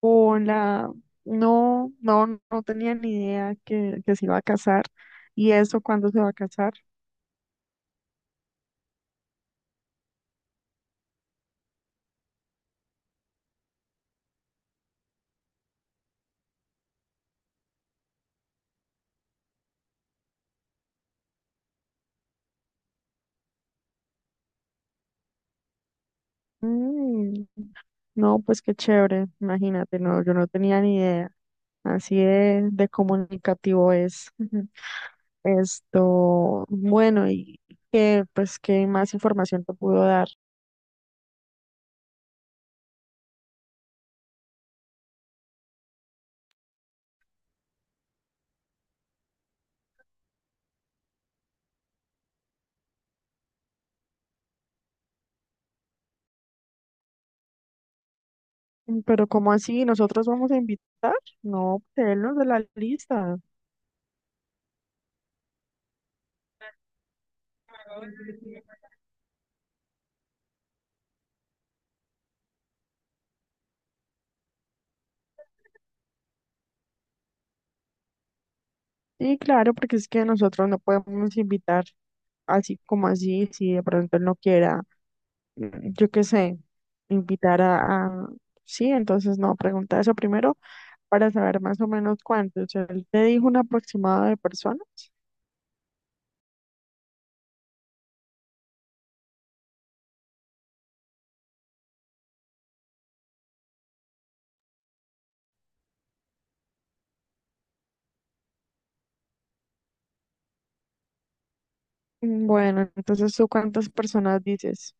Hola, no, no, no, tenía ni idea que se iba a casar. ¿Y eso cuándo se va a casar? Mm, no, pues qué chévere, imagínate, no, yo no tenía ni idea. Así de comunicativo es. Ujú. Esto, bueno, y que, pues, ¿qué más información te pudo dar? Pero ¿cómo así? ¿Nosotros vamos a invitar? No, pues, él no es de la lista. Sí, claro, porque es que nosotros no podemos invitar así como así, si de pronto él no quiera, yo qué sé, invitar a, a- sí, entonces no, pregunta eso primero para saber más o menos cuántos. Él te dijo un aproximado de personas. Bueno, entonces tú cuántas personas dices.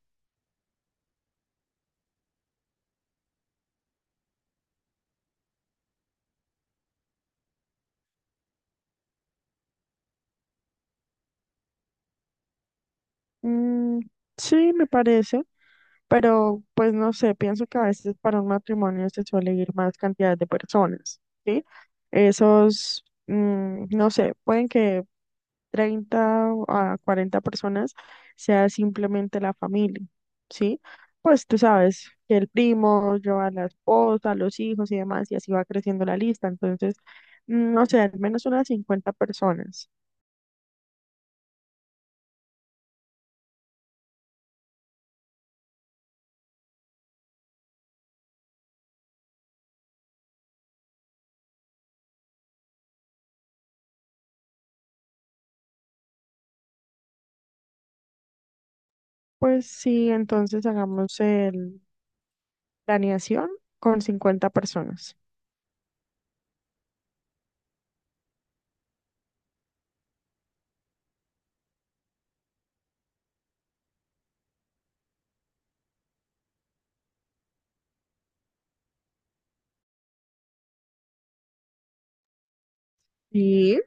Mm, sí, me parece, pero pues no sé, pienso que a veces para un matrimonio se suele ir más cantidad de personas, ¿sí? Esos, no sé, pueden que 30 a 40 personas sea simplemente la familia, ¿sí? Pues tú sabes que el primo lleva a la esposa, los hijos y demás, y así va creciendo la lista. Entonces, no sé, al menos unas 50 personas. Pues sí, entonces hagamos el planeación con 50 personas. Sí.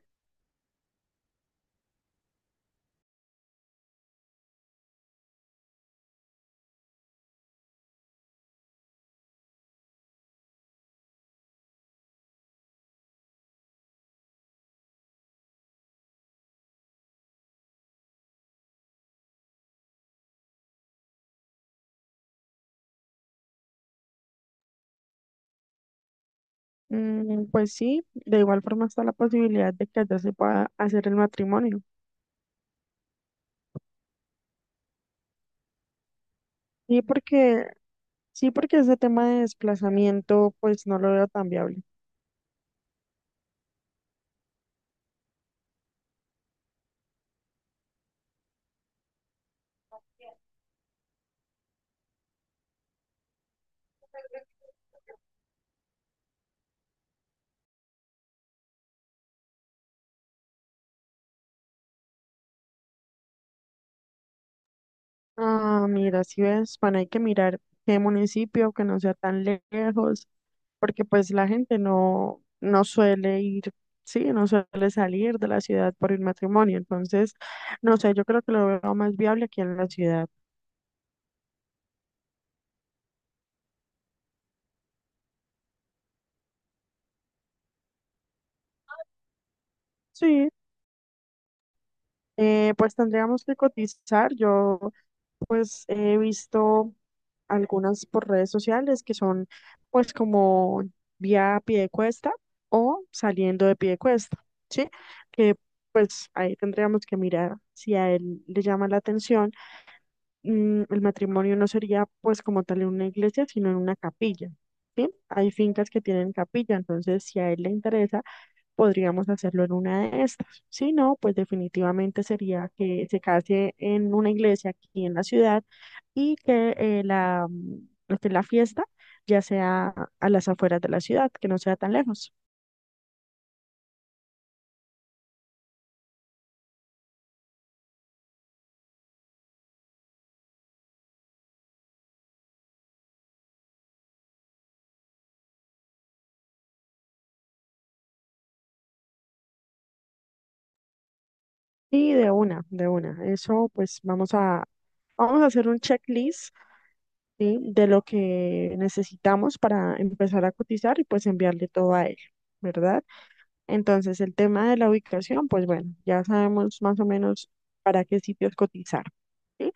Pues sí, de igual forma está la posibilidad de que allá se pueda hacer el matrimonio. Sí, porque Sí, porque ese tema de desplazamiento, pues no lo veo tan viable. Ah, mira, si ves, bueno, hay que mirar qué municipio, que no sea tan lejos, porque pues la gente no suele ir, sí, no suele salir de la ciudad por el matrimonio. Entonces, no sé, yo creo que lo veo más viable aquí en la ciudad. Sí. Pues tendríamos que cotizar. Yo pues he visto algunas por redes sociales que son pues como vía cuesta o saliendo de cuesta, ¿sí? Que pues ahí tendríamos que mirar si a él le llama la atención. El matrimonio no sería pues como tal en una iglesia, sino en una capilla, ¿sí? Hay fincas que tienen capilla, entonces si a él le interesa podríamos hacerlo en una de estas. Si no, pues definitivamente sería que se case en una iglesia aquí en la ciudad y que la, este, la fiesta ya sea a las afueras de la ciudad, que no sea tan lejos. Y de una, de una. Eso pues vamos a hacer un checklist, ¿sí?, de lo que necesitamos para empezar a cotizar y pues enviarle todo a él, ¿verdad? Entonces, el tema de la ubicación, pues bueno, ya sabemos más o menos para qué sitios cotizar, ¿sí?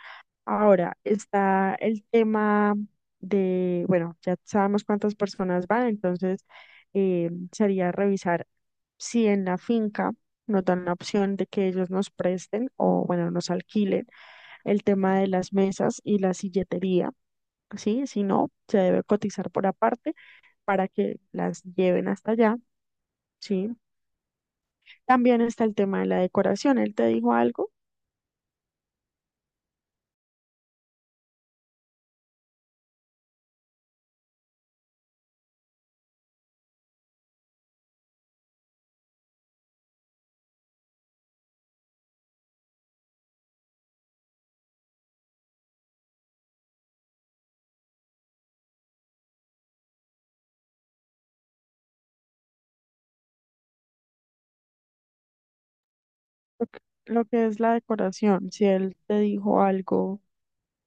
Ahora está el tema de, bueno, ya sabemos cuántas personas van, entonces sería revisar si en la finca nos dan la opción de que ellos nos presten o, bueno, nos alquilen el tema de las mesas y la silletería, ¿sí? Si no, se debe cotizar por aparte para que las lleven hasta allá, ¿sí? También está el tema de la decoración. Él te dijo algo, lo que, lo que es la decoración. Si él te dijo algo,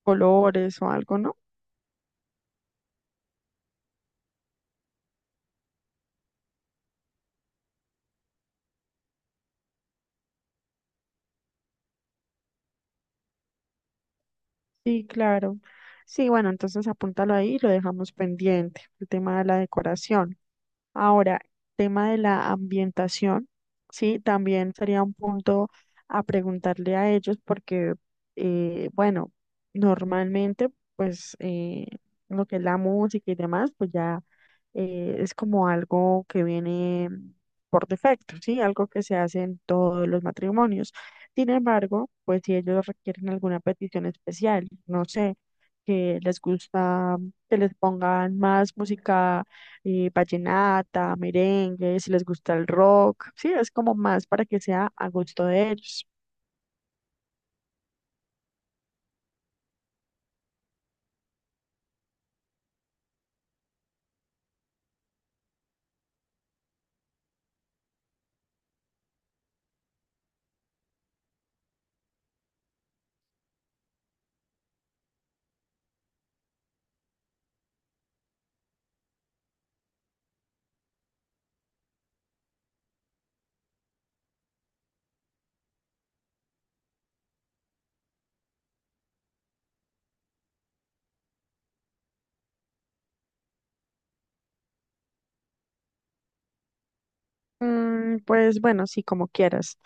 colores o algo, ¿no? Sí, claro. Sí, bueno, entonces apúntalo ahí y lo dejamos pendiente, el tema de la decoración. Ahora, tema de la ambientación, sí, también sería un punto a preguntarle a ellos porque, bueno, normalmente, pues, lo que es la música y demás, pues ya es como algo que viene por defecto, ¿sí? Algo que se hace en todos los matrimonios. Sin embargo, pues si ellos requieren alguna petición especial, no sé, que les gusta que les pongan más música vallenata, merengue, si les gusta el rock, sí, es como más para que sea a gusto de ellos. Pues bueno, sí, como quieras.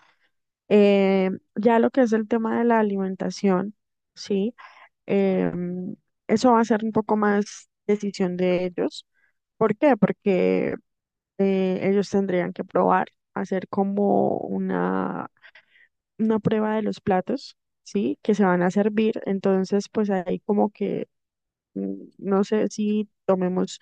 Eh, ya lo que es el tema de la alimentación, sí. Eh, Eso va a ser un poco más decisión de ellos. ¿Por qué? Porque ellos tendrían que probar, hacer una prueba de los platos, ¿sí?, que se van a servir. Entonces, pues ahí como que no sé si tomemos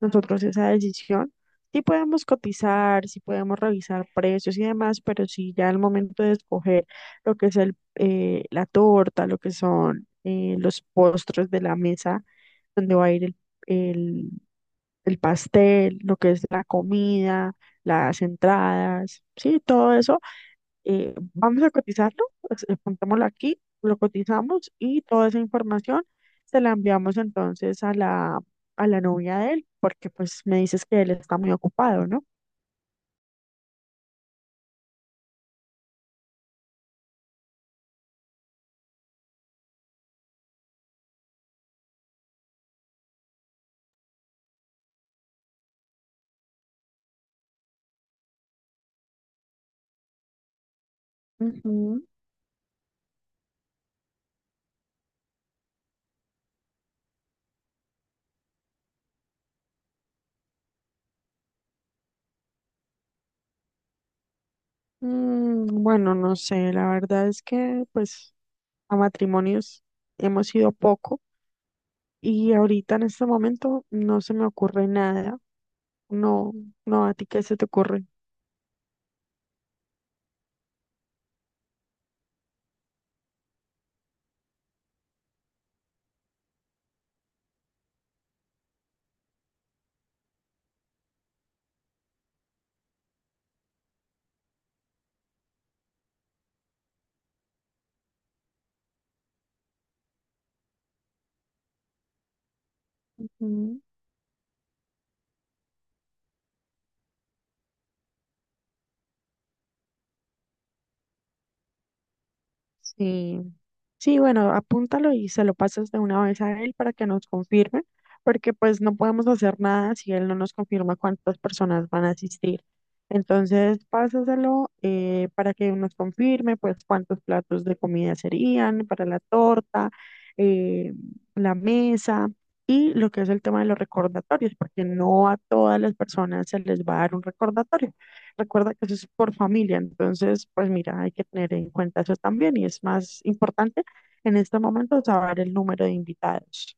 nosotros esa decisión. Sí podemos cotizar, sí podemos revisar precios y demás, pero si ya al momento de escoger lo que es la torta, lo que son los postres de la mesa, donde va a ir el, el pastel, lo que es la comida, las entradas, sí, todo eso vamos a cotizarlo, pues, pongámoslo aquí, lo cotizamos y toda esa información se la enviamos entonces a a la novia de él, porque pues me dices que él está muy ocupado, ¿no? Ujú. Bueno, no sé, la verdad es que pues a matrimonios hemos ido poco y ahorita en este momento no se me ocurre nada. No, no, ¿a ti qué se te ocurre? Ujú. Sí, sí, bueno, apúntalo y se lo pasas de una vez a él para que nos confirme, porque pues no podemos hacer nada si él no nos confirma cuántas personas van a asistir. Entonces, pásaselo para que nos confirme, pues cuántos platos de comida serían para la torta, eh, la mesa y lo que es el tema de los recordatorios, porque no a todas las personas se les va a dar un recordatorio. Recuerda que eso es por familia, entonces, pues mira, hay que tener en cuenta eso también y es más importante en este momento saber el número de invitados.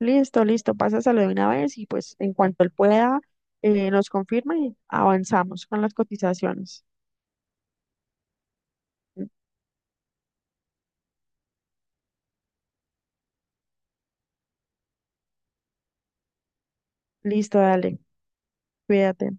Listo, listo, pásaselo de una vez y pues en cuanto él pueda, nos confirma y avanzamos con las cotizaciones. Listo, dale, cuídate.